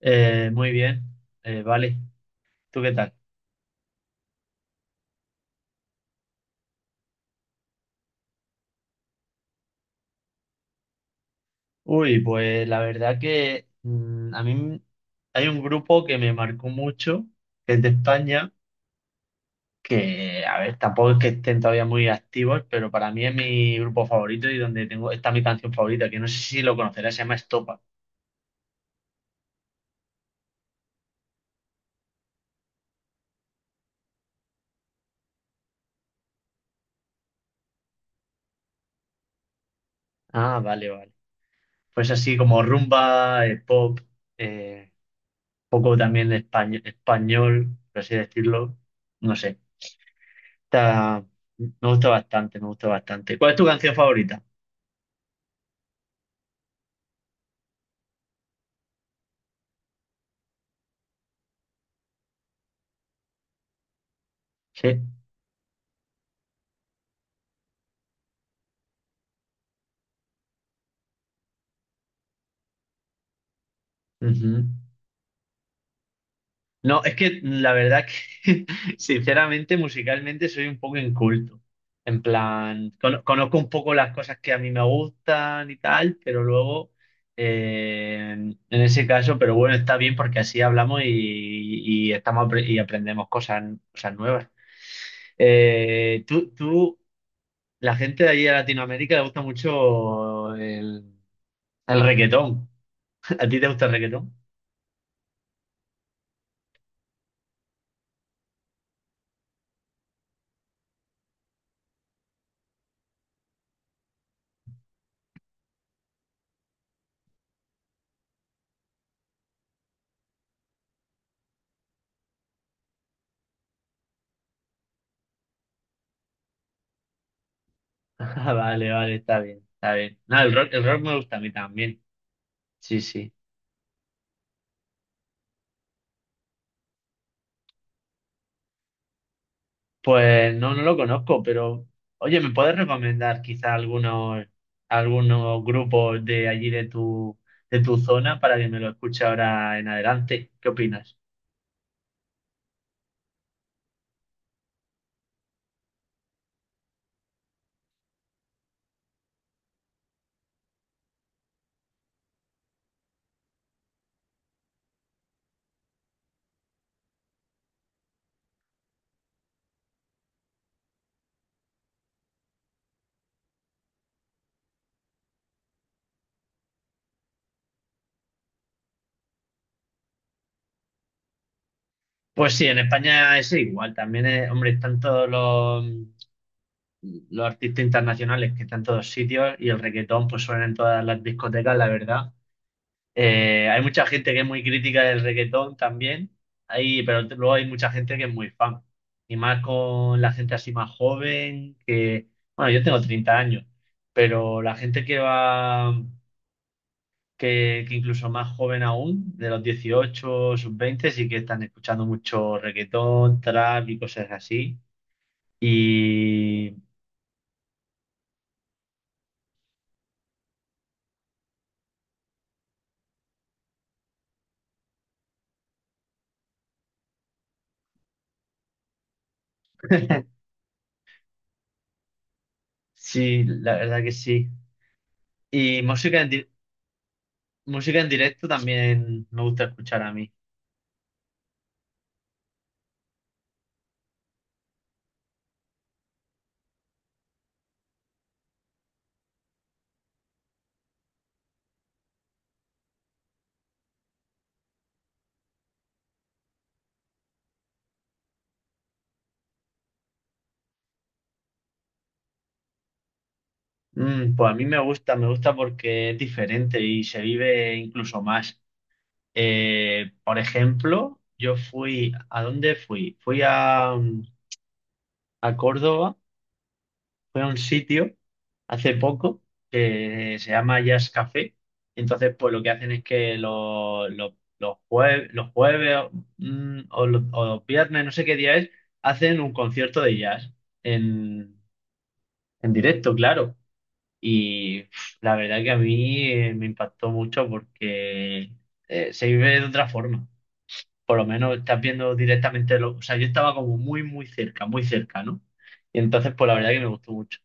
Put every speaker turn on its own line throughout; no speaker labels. Muy bien. Vale. ¿Tú qué tal? Uy, pues la verdad que a mí, hay un grupo que me marcó mucho, que es de España, que, a ver, tampoco es que estén todavía muy activos, pero para mí es mi grupo favorito y donde tengo, está mi canción favorita, que no sé si lo conocerás. Se llama Estopa. Ah, vale, vale. Pues así como rumba, pop, eh, poco también español, español, por así decirlo, no sé. Está- Me gusta bastante, me gusta bastante. ¿Cuál es tu canción favorita? Sí. Ujú. No, es que la verdad que, sinceramente, musicalmente soy un poco inculto. En plan, conozco un poco las cosas que a mí me gustan y tal, pero luego, en ese caso, pero bueno, está bien porque así hablamos y, y y aprendemos cosas, cosas nuevas. Tú, la gente de allí de Latinoamérica le gusta mucho el reggaetón. ¿A ti te gusta el reggaetón? Ah, vale, vale, está bien, está bien. No, el rock me gusta a mí también. Sí, sí. Pues no, no lo conozco, pero oye, ¿me puedes recomendar quizá algunos, algunos grupos de allí de tu zona para que me lo escuche ahora en adelante? ¿Qué opinas? Pues sí, en España es igual. También, hombre, están todos los artistas internacionales que están en todos sitios, y el reggaetón pues suena en todas las discotecas, la verdad. Hay mucha gente que es muy crítica del reggaetón también, hay, pero luego hay mucha gente que es muy fan. Y más con la gente así más joven, que, bueno, yo tengo 30 años, pero la gente que va, que incluso más joven aún, de los 18 sub 20, sí que están escuchando mucho reggaetón, trap y cosas así. Y sí, la verdad que sí. Y música en, música en directo también me gusta escuchar a mí. Mm, pues a mí me gusta porque es diferente y se vive incluso más. Por ejemplo, yo fui, ¿a dónde fui? Fui a, a Córdoba, fui a un sitio hace poco que se llama Jazz Café. Entonces, pues lo que hacen es que los los jueves o los viernes, no sé qué día es, hacen un concierto de jazz en, en directo, claro. Y pf, la verdad que a mí me impactó mucho porque se vive de otra forma. Por lo menos estás viendo directamente lo... O sea, yo estaba como muy, muy cerca, ¿no? Y entonces, pues la verdad que me gustó mucho.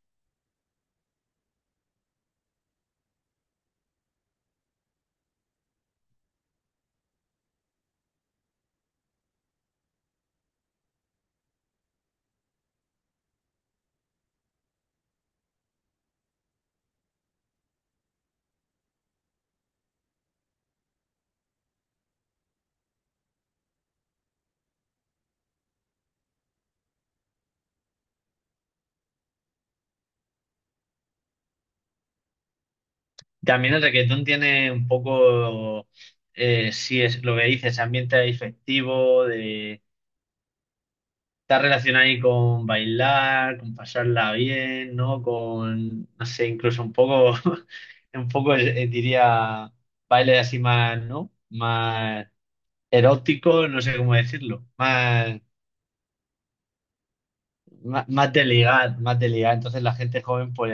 También el reggaetón tiene un poco, si es lo que dices, ambiente festivo. Está relacionado ahí con bailar, con pasarla bien, ¿no? Con, no sé, incluso un poco, un poco, diría, baile así más, ¿no? Más erótico, no sé cómo decirlo, más, más, más de ligar, más de ligar. Entonces la gente joven pues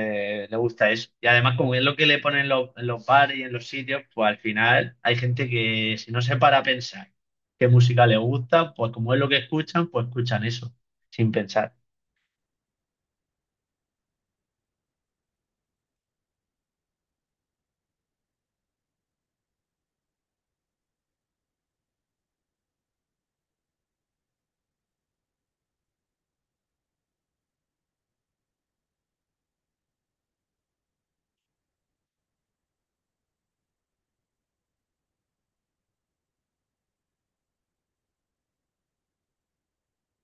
le gusta eso. Y además como es lo que le ponen en los bares y en los sitios, pues al final hay gente que si no se para a pensar qué música le gusta, pues como es lo que escuchan, pues escuchan eso, sin pensar.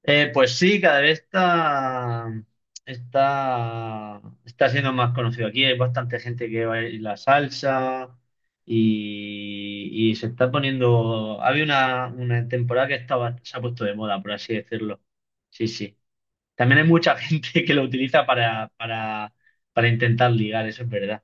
Pues sí, cada vez está siendo más conocido aquí. Hay bastante gente que baila salsa y se está poniendo. Había una temporada que estaba, se ha puesto de moda, por así decirlo. Sí, sí. También hay mucha gente que lo utiliza para intentar ligar, eso es verdad.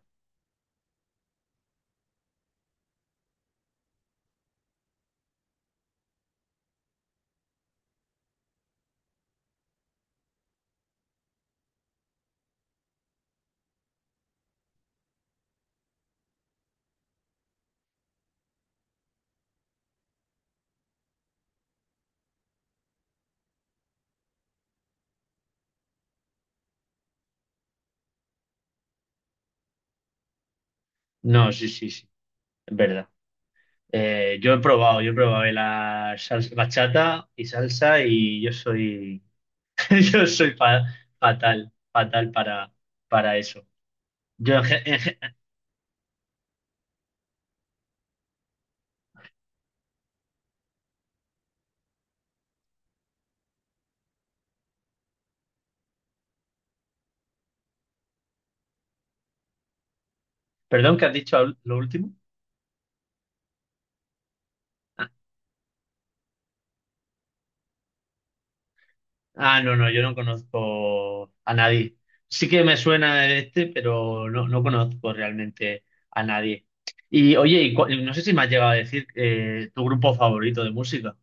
No, sí, sí, sí, es verdad. Yo he probado la salsa, bachata y salsa, y yo soy yo soy fatal, fatal para eso. Yo, perdón, ¿qué has dicho lo último? Ah, ah, no, no, yo no conozco a nadie. Sí que me suena este, pero no, no conozco realmente a nadie. Y oye, y no sé si me has llegado a decir, tu grupo favorito de música.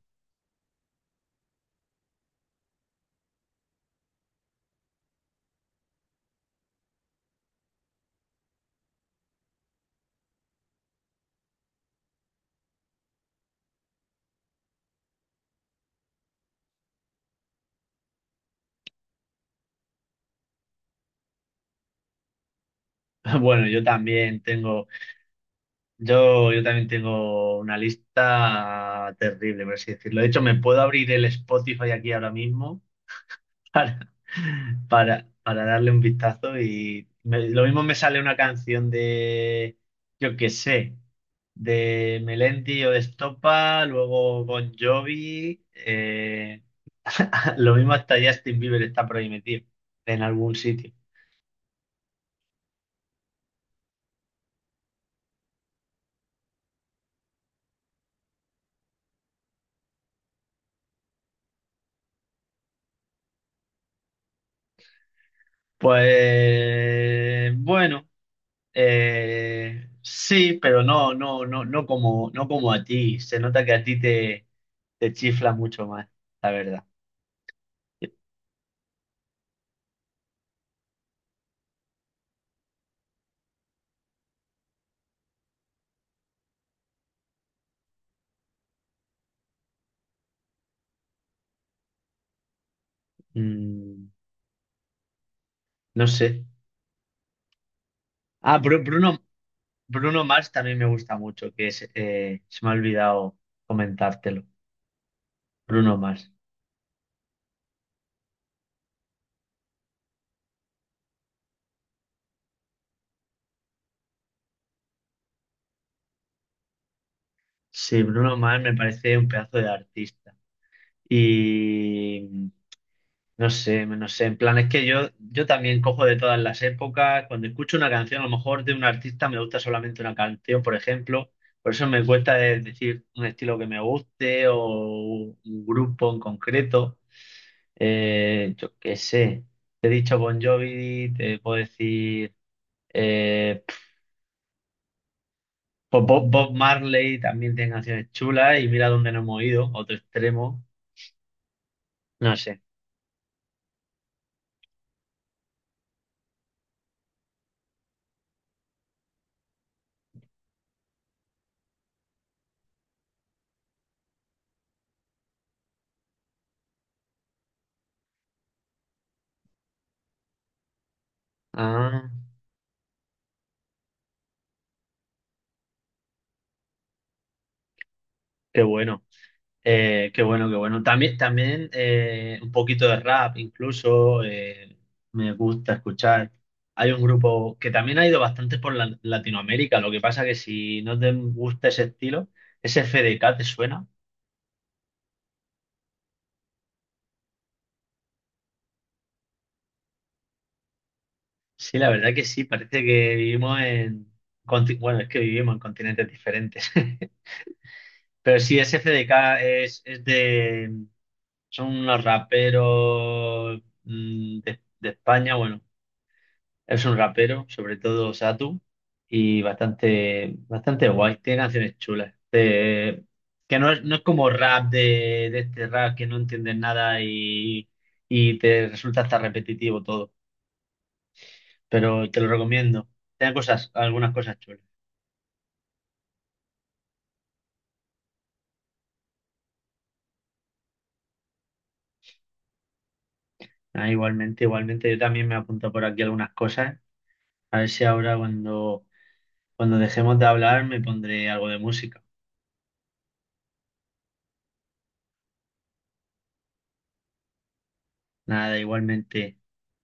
Bueno, yo también tengo, yo también tengo una lista terrible, por así decirlo. De hecho, me puedo abrir el Spotify aquí ahora mismo para, para darle un vistazo y lo mismo me sale una canción de, yo qué sé, de Melendi o de Estopa, luego Bon Jovi, lo mismo hasta Justin Bieber está por ahí metido en algún sitio. Pues bueno, sí, pero no, no, no, no como, no como a ti. Se nota que a ti te, te chifla mucho más, la verdad. Mm. No sé. Ah, Bruno, Bruno Mars también me gusta mucho, que es, se me ha olvidado comentártelo. Bruno Mars. Sí, Bruno Mars me parece un pedazo de artista. Y no sé, no sé, en plan, es que yo también cojo de todas las épocas. Cuando escucho una canción, a lo mejor de un artista me gusta solamente una canción, por ejemplo, por eso me cuesta decir un estilo que me guste o un grupo en concreto. Yo qué sé, te he dicho Bon Jovi, te puedo decir pf, pues Bob Marley también tiene canciones chulas, y mira dónde nos hemos ido, otro extremo, no sé. Ah, qué bueno. Qué bueno, qué bueno. También, también, un poquito de rap, incluso me gusta escuchar. Hay un grupo que también ha ido bastante por Latinoamérica. Lo que pasa que si no te gusta ese estilo, ese FDK te suena. Sí, la verdad que sí. Parece que vivimos en, bueno, es que vivimos en continentes diferentes. Pero sí, ese FDK es de, son unos raperos, mm, de España. Bueno, es un rapero, sobre todo Satu, y bastante, bastante guay. Tiene canciones chulas. Que no es, no es como rap de este rap que no entiendes nada y, y te resulta hasta repetitivo todo. Pero te lo recomiendo. Tiene cosas, algunas cosas chulas. Ah, igualmente, igualmente, yo también me apunto por aquí algunas cosas. A ver si ahora cuando, cuando dejemos de hablar me pondré algo de música. Nada, igualmente.